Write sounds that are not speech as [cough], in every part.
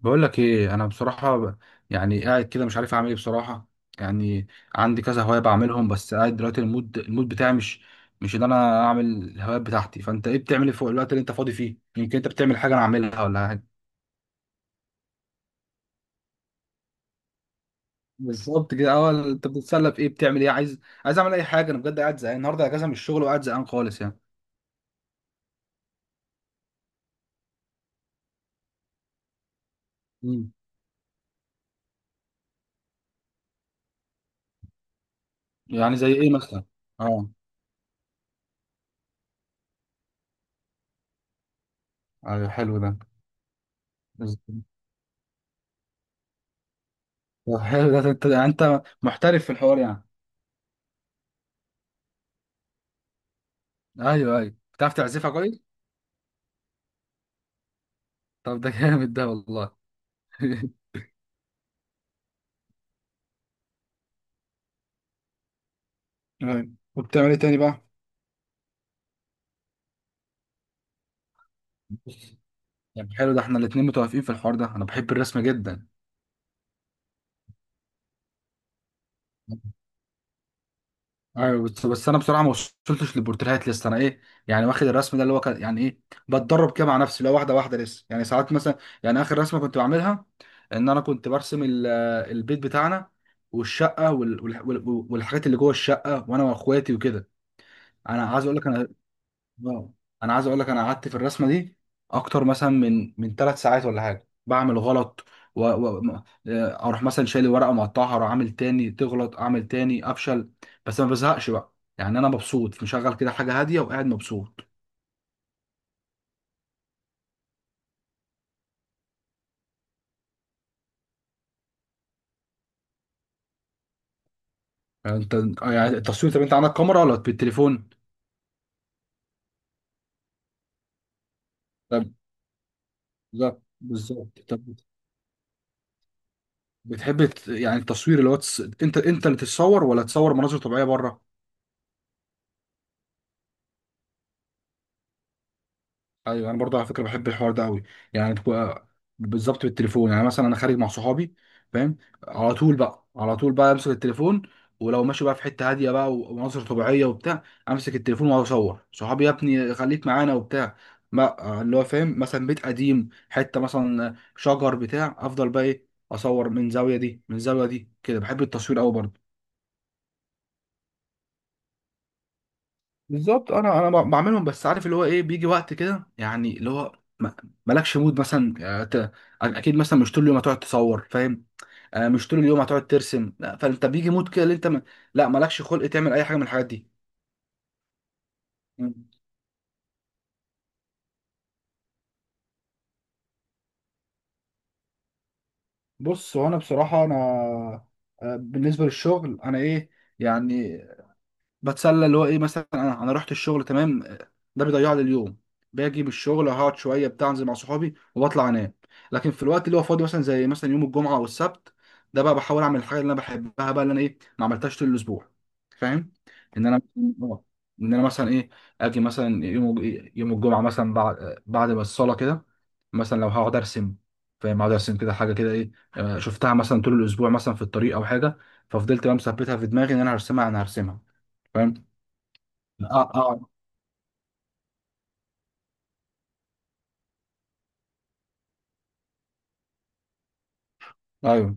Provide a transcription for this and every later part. بقول لك ايه انا بصراحه يعني قاعد كده مش عارف اعمل ايه بصراحه يعني. عندي كذا هوايه بعملهم، بس قاعد دلوقتي المود بتاعي مش ان انا اعمل الهوايات بتاعتي. فانت ايه بتعمل إيه في الوقت اللي انت فاضي فيه؟ يمكن انت بتعمل حاجه انا اعملها ولا حاجه. بالظبط كده، اول انت بتتسلى في ايه، بتعمل ايه؟ عايز اعمل اي حاجه، انا بجد قاعد زهقان، النهارده اجازه من الشغل وقاعد زهقان خالص يعني. مم. يعني زي ايه مثلا؟ اه. أيوة، حلو ده. طب حلو ده انت، انت محترف في الحوار يعني. ايوه ايوه، بتعرف تعزفها. طب ده جامد ده والله. [laughs] أيوة. وبتعمل ايه تاني بقى؟ طب حلو ده، احنا الاتنين متوافقين في الحوار ده، انا بحب الرسم جدا. ايوه، بس انا بصراحه ما وصلتش للبورتريهات لسه، انا ايه يعني واخد الرسم ده اللي هو يعني ايه، بتدرب كده مع نفسي، لو واحده واحده لسه، يعني ساعات مثلا، يعني اخر رسمه كنت بعملها ان انا كنت برسم البيت بتاعنا والشقه والحاجات اللي جوه الشقه وانا واخواتي وكده. انا عايز اقول لك انا. واو. انا عايز اقول لك، انا قعدت في الرسمه دي اكتر مثلا من ثلاث ساعات ولا حاجه، بعمل غلط و... و... م- آه، اروح مثلا شايل ورقه مقطعها، اروح عامل تاني تغلط، اعمل تاني افشل، بس ما بزهقش بقى يعني، انا مبسوط مشغل كده حاجه هاديه وقاعد مبسوط. يعني انت، يعني التصوير، طب انت عندك كاميرا ولا بالتليفون؟ طب، بالظبط بالظبط، طب بتحب يعني التصوير اللي هو انت اللي تتصور ولا تصور مناظر طبيعيه بره؟ ايوه انا برضه على فكره بحب الحوار ده قوي، يعني تبقى بالظبط بالتليفون. يعني مثلا انا خارج مع صحابي، فاهم؟ على طول بقى، على طول بقى امسك التليفون، ولو ماشي بقى في حته هاديه بقى ومناظر طبيعيه وبتاع، امسك التليفون واقعد اصور صحابي، يا ابني خليك معانا وبتاع، ما اللي هو فاهم، مثلا بيت قديم، حته مثلا شجر بتاع، افضل بقى ايه، اصور من زاويه دي من زاويه دي كده، بحب التصوير قوي برضه. بالظبط، بعملهم، بس عارف اللي هو ايه، بيجي وقت كده يعني اللي هو ما- مالكش مود مثلا، آه، ت- اكيد مثلا مش طول اليوم هتقعد تصور، فاهم؟ مش طول اليوم هتقعد ترسم، لا، فانت بيجي مود كده اللي انت ما... لا مالكش خلق تعمل اي حاجه من الحاجات دي. مم. بص هو انا بصراحه انا، بالنسبه للشغل انا ايه يعني بتسلى اللي هو ايه، مثلا انا رحت الشغل تمام، ده بيضيع لي اليوم، باجي من الشغل هقعد شويه بتاع، انزل مع صحابي وبطلع انام. لكن في الوقت اللي هو فاضي، مثلا زي مثلا يوم الجمعه او السبت، ده بقى بحاول اعمل الحاجه اللي انا بحبها بقى، اللي انا ايه ما عملتهاش طول الاسبوع، فاهم؟ ان انا، آه، ان انا مثلا ايه، اجي مثلا يوم، يوم الجمعه مثلا، بعد ما الصلاه كده، مثلا لو هقعد ارسم، فاهم؟ هقعد ارسم كده حاجه كده ايه، شفتها مثلا طول الاسبوع مثلا في الطريق او حاجه، ففضلت بقى مثبتها في دماغي ان انا هرسمها، انا هرسمها، فاهم؟ اه اه. ايوه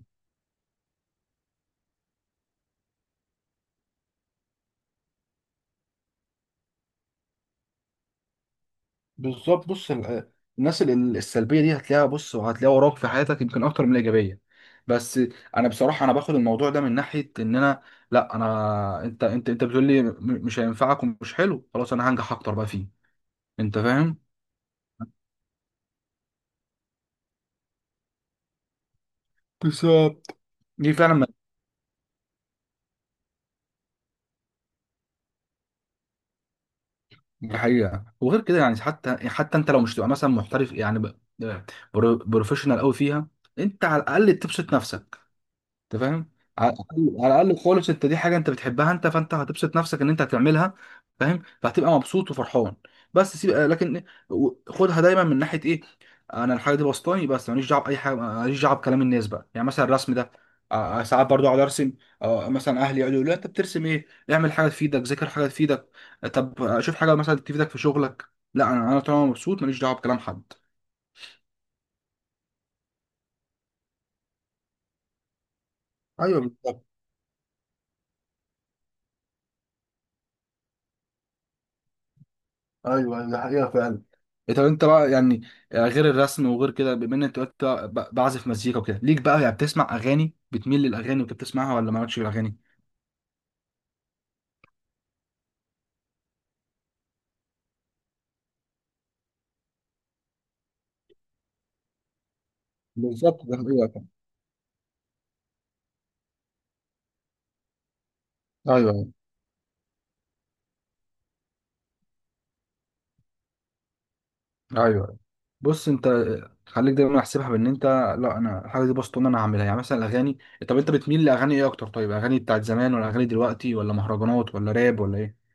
بالظبط، بص الناس السلبيه دي هتلاقيها، بص، وهتلاقيها وراك في حياتك يمكن اكتر من الايجابيه، بس انا بصراحه انا باخد الموضوع ده من ناحيه ان انا، لا انا، انت بتقول لي مش هينفعك ومش حلو، خلاص انا هنجح اكتر بقى فيه، انت فاهم؟ بالظبط، دي فعلا الحقيقه. وغير كده يعني، حتى انت لو مش تبقى مثلا محترف، يعني بروفيشنال قوي فيها، انت على الاقل تبسط نفسك، انت فاهم؟ على الاقل، على الاقل خالص، انت دي حاجه انت بتحبها انت، فانت هتبسط نفسك ان انت هتعملها، فاهم؟ فهتبقى مبسوط وفرحان، بس سيب، لكن خدها دايما من ناحيه ايه، انا الحاجه دي بسطاني، بس ماليش دعوه باي حاجه، ماليش دعوه بكلام الناس بقى. يعني مثلا الرسم ده، ساعات برضو اقعد ارسم، مثلا اهلي يقولوا لي لا انت بترسم ايه، اعمل حاجه تفيدك، ذاكر حاجه تفيدك، طب شوف حاجه مثلا تفيدك في شغلك، لا انا، انا طالما مبسوط ماليش دعوه بكلام حد. ايوه بالظبط. ايوه أيوة، ده حقيقه فعلا. إيه، طب انت بقى يعني، غير الرسم وغير كده، بما ان انت قلت بعزف مزيكا وكده، ليك بقى يعني بتسمع اغاني؟ بتميل للاغاني وانت بتسمعها ولا مالكش في الاغاني؟ بالظبط ده حقيقة فعلا. ايوه ايوه ايوه. بص انت، خليك دايما احسبها بان انت، لا انا الحاجه دي بسطون انا هعملها، يعني مثلا الاغاني، طب انت بتميل لاغاني ايه اكتر؟ طيب اغاني بتاعت زمان ولا اغاني دلوقتي ولا مهرجانات ولا راب ولا ايه؟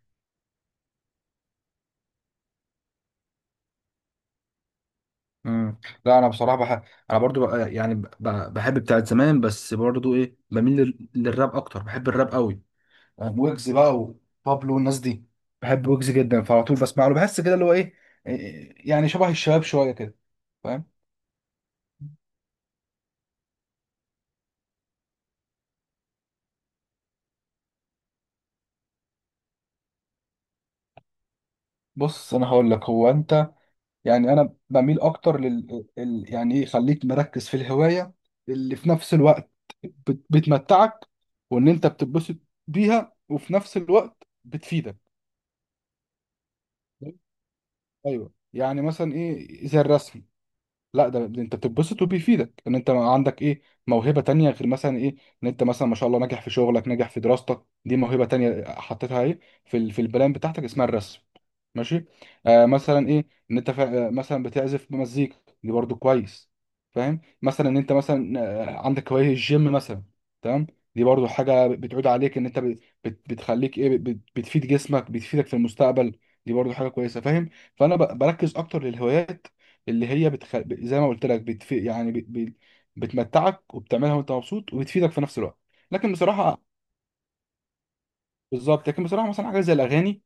مم. لا انا بصراحه انا برضو يعني بحب بتاعت زمان، بس برضو ايه بميل للراب اكتر، بحب الراب قوي، يعني ويجز بقى وبابلو والناس دي، بحب ويجز جدا، فعلى طول بسمع له، بحس كده اللي هو ايه، يعني شبه الشباب شويه كده، فاهم؟ بص انا هقول لك هو انت، يعني انا بميل اكتر يعني ايه، خليك مركز في الهوايه اللي في نفس الوقت بتمتعك وان انت بتتبسط بيها، وفي نفس الوقت بتفيدك. ايوه يعني مثلا ايه، زي الرسم، لا ده انت بتتبسط وبيفيدك، ان انت عندك ايه، موهبه تانية غير مثلا ايه، ان انت مثلا ما شاء الله ناجح في شغلك ناجح في دراستك، دي موهبه تانية حطيتها ايه في البلان بتاعتك اسمها الرسم، ماشي. آه مثلا ايه، ان انت فا... آه، مثلا بتعزف مزيكا، دي برضو كويس، فاهم؟ مثلا ان انت مثلا، عندك هوايه الجيم مثلا، تمام؟ دي برضو حاجه بتعود عليك، ان انت بتخليك ايه، بتفيد جسمك، بتفيدك في المستقبل، دي برضو حاجه كويسه، فاهم؟ فانا بركز اكتر للهوايات اللي هي زي ما قلت لك يعني بتمتعك، وبتعملها وانت مبسوط، وبتفيدك في نفس الوقت. لكن بصراحه، بالظبط لكن بصراحه، مثلا حاجه زي الاغاني،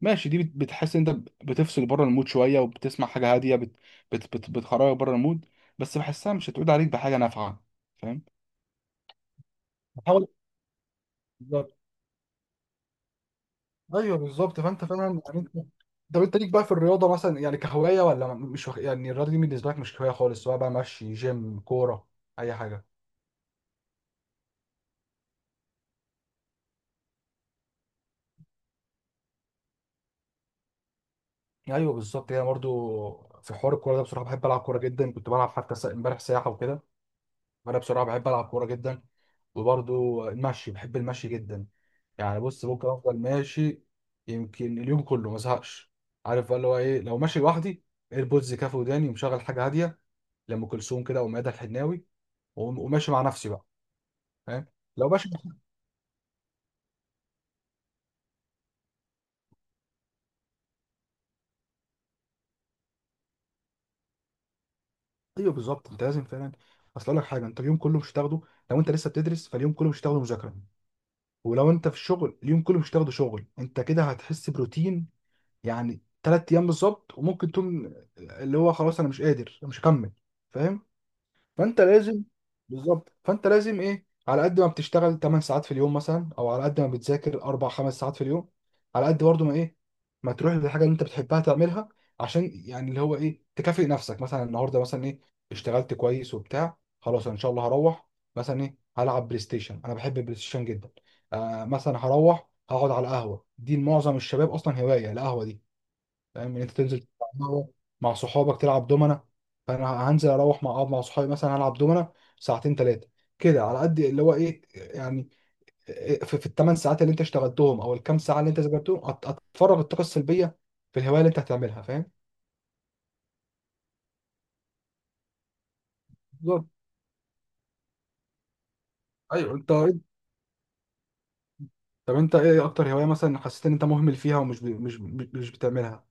ماشي دي بتحس انت بتفصل بره المود شويه، وبتسمع حاجه هاديه بتخرجك بره المود، بس بحسها مش هتعود عليك بحاجه نافعه، فاهم؟ بحاول. بالظبط. ايوه بالظبط، فانت فعلا يعني انت، طب انت ليك بقى في الرياضه مثلا، يعني كهوايه؟ ولا مش يعني الرياضه دي بالنسبه لك مش هوايه خالص، سواء بقى مشي، جيم، كوره، اي حاجه؟ ايوه بالظبط، هي برضو في حوار الكوره ده، بصراحه بحب العب كوره جدا، كنت بلعب حتى امبارح سياحه وكده، فانا بصراحه بحب العب كوره جدا، وبرضو المشي، بحب المشي جدا، يعني بص ممكن افضل ماشي، يمكن اليوم كله ما ازهقش، عارف بقى اللي هو ايه، لو ماشي لوحدي ايربودز كافي وداني ومشغل حاجه هاديه، لام كلثوم كده او ميادة الحناوي، وماشي مع نفسي بقى، فاهم؟ لو ماشي. ايوه بالظبط، انت لازم فعلا، اصل اقول لك حاجه، انت اليوم كله مش هتاخده، لو انت لسه بتدرس فاليوم كله مش هتاخده مذاكره، ولو انت في الشغل اليوم كله مش تاخده شغل، انت كده هتحس بروتين، يعني تلات ايام بالظبط، وممكن تقوم اللي هو خلاص انا مش قادر انا مش هكمل، فاهم؟ فانت لازم، بالظبط فانت لازم ايه، على قد ما بتشتغل 8 ساعات في اليوم مثلا، او على قد ما بتذاكر 4 5 ساعات في اليوم، على قد برضه ما ايه ما تروح للحاجه اللي انت بتحبها تعملها، عشان يعني اللي هو ايه تكافئ نفسك، مثلا النهارده مثلا ايه اشتغلت كويس وبتاع، خلاص أنا ان شاء الله هروح مثلا ايه هلعب بلاي ستيشن، انا بحب البلاي ستيشن جدا، آه مثلا هروح هقعد على القهوه، دي معظم الشباب اصلا هوايه القهوه دي، فاهم؟ ان انت تنزل تلعب مع صحابك تلعب دومنا، فانا هنزل اروح مع، اقعد مع صحابي مثلا هلعب دومنا ساعتين ثلاثه كده، على قد اللي هو ايه يعني، في الثمان ساعات اللي انت اشتغلتهم او الكام ساعه اللي انت ذاكرتهم، اتفرغ الطاقه السلبيه في الهوايه اللي انت هتعملها، فاهم؟ بالظبط. ايوه انت، طب انت ايه اكتر هوايه مثلا حسيت ان انت مهمل فيها ومش مش بتعملها؟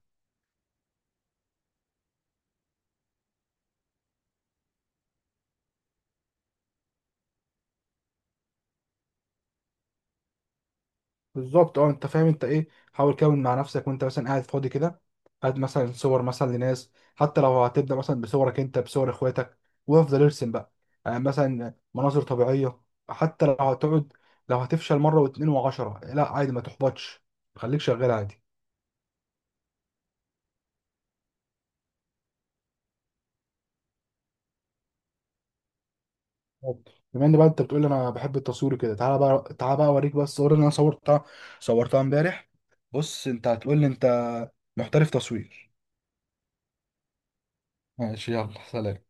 بالظبط اه، انت فاهم انت ايه، حاول كده مع نفسك وانت مثلا قاعد فاضي كده، هات مثلا صور مثلا لناس، حتى لو هتبدا مثلا بصورك انت، بصور اخواتك، وافضل ارسم بقى، يعني مثلا مناظر طبيعيه، حتى لو هتقعد لو هتفشل مره واتنين وعشرة، لا عادي ما تحبطش، خليك شغال عادي. طب، بما ان بقى انت بتقول انا بحب التصوير كده، تعالى بقى، تعالى بقى اوريك بقى الصور اللي انا صورتها، صورتها امبارح، بص انت هتقول لي انت محترف تصوير. ماشي يلا سلام.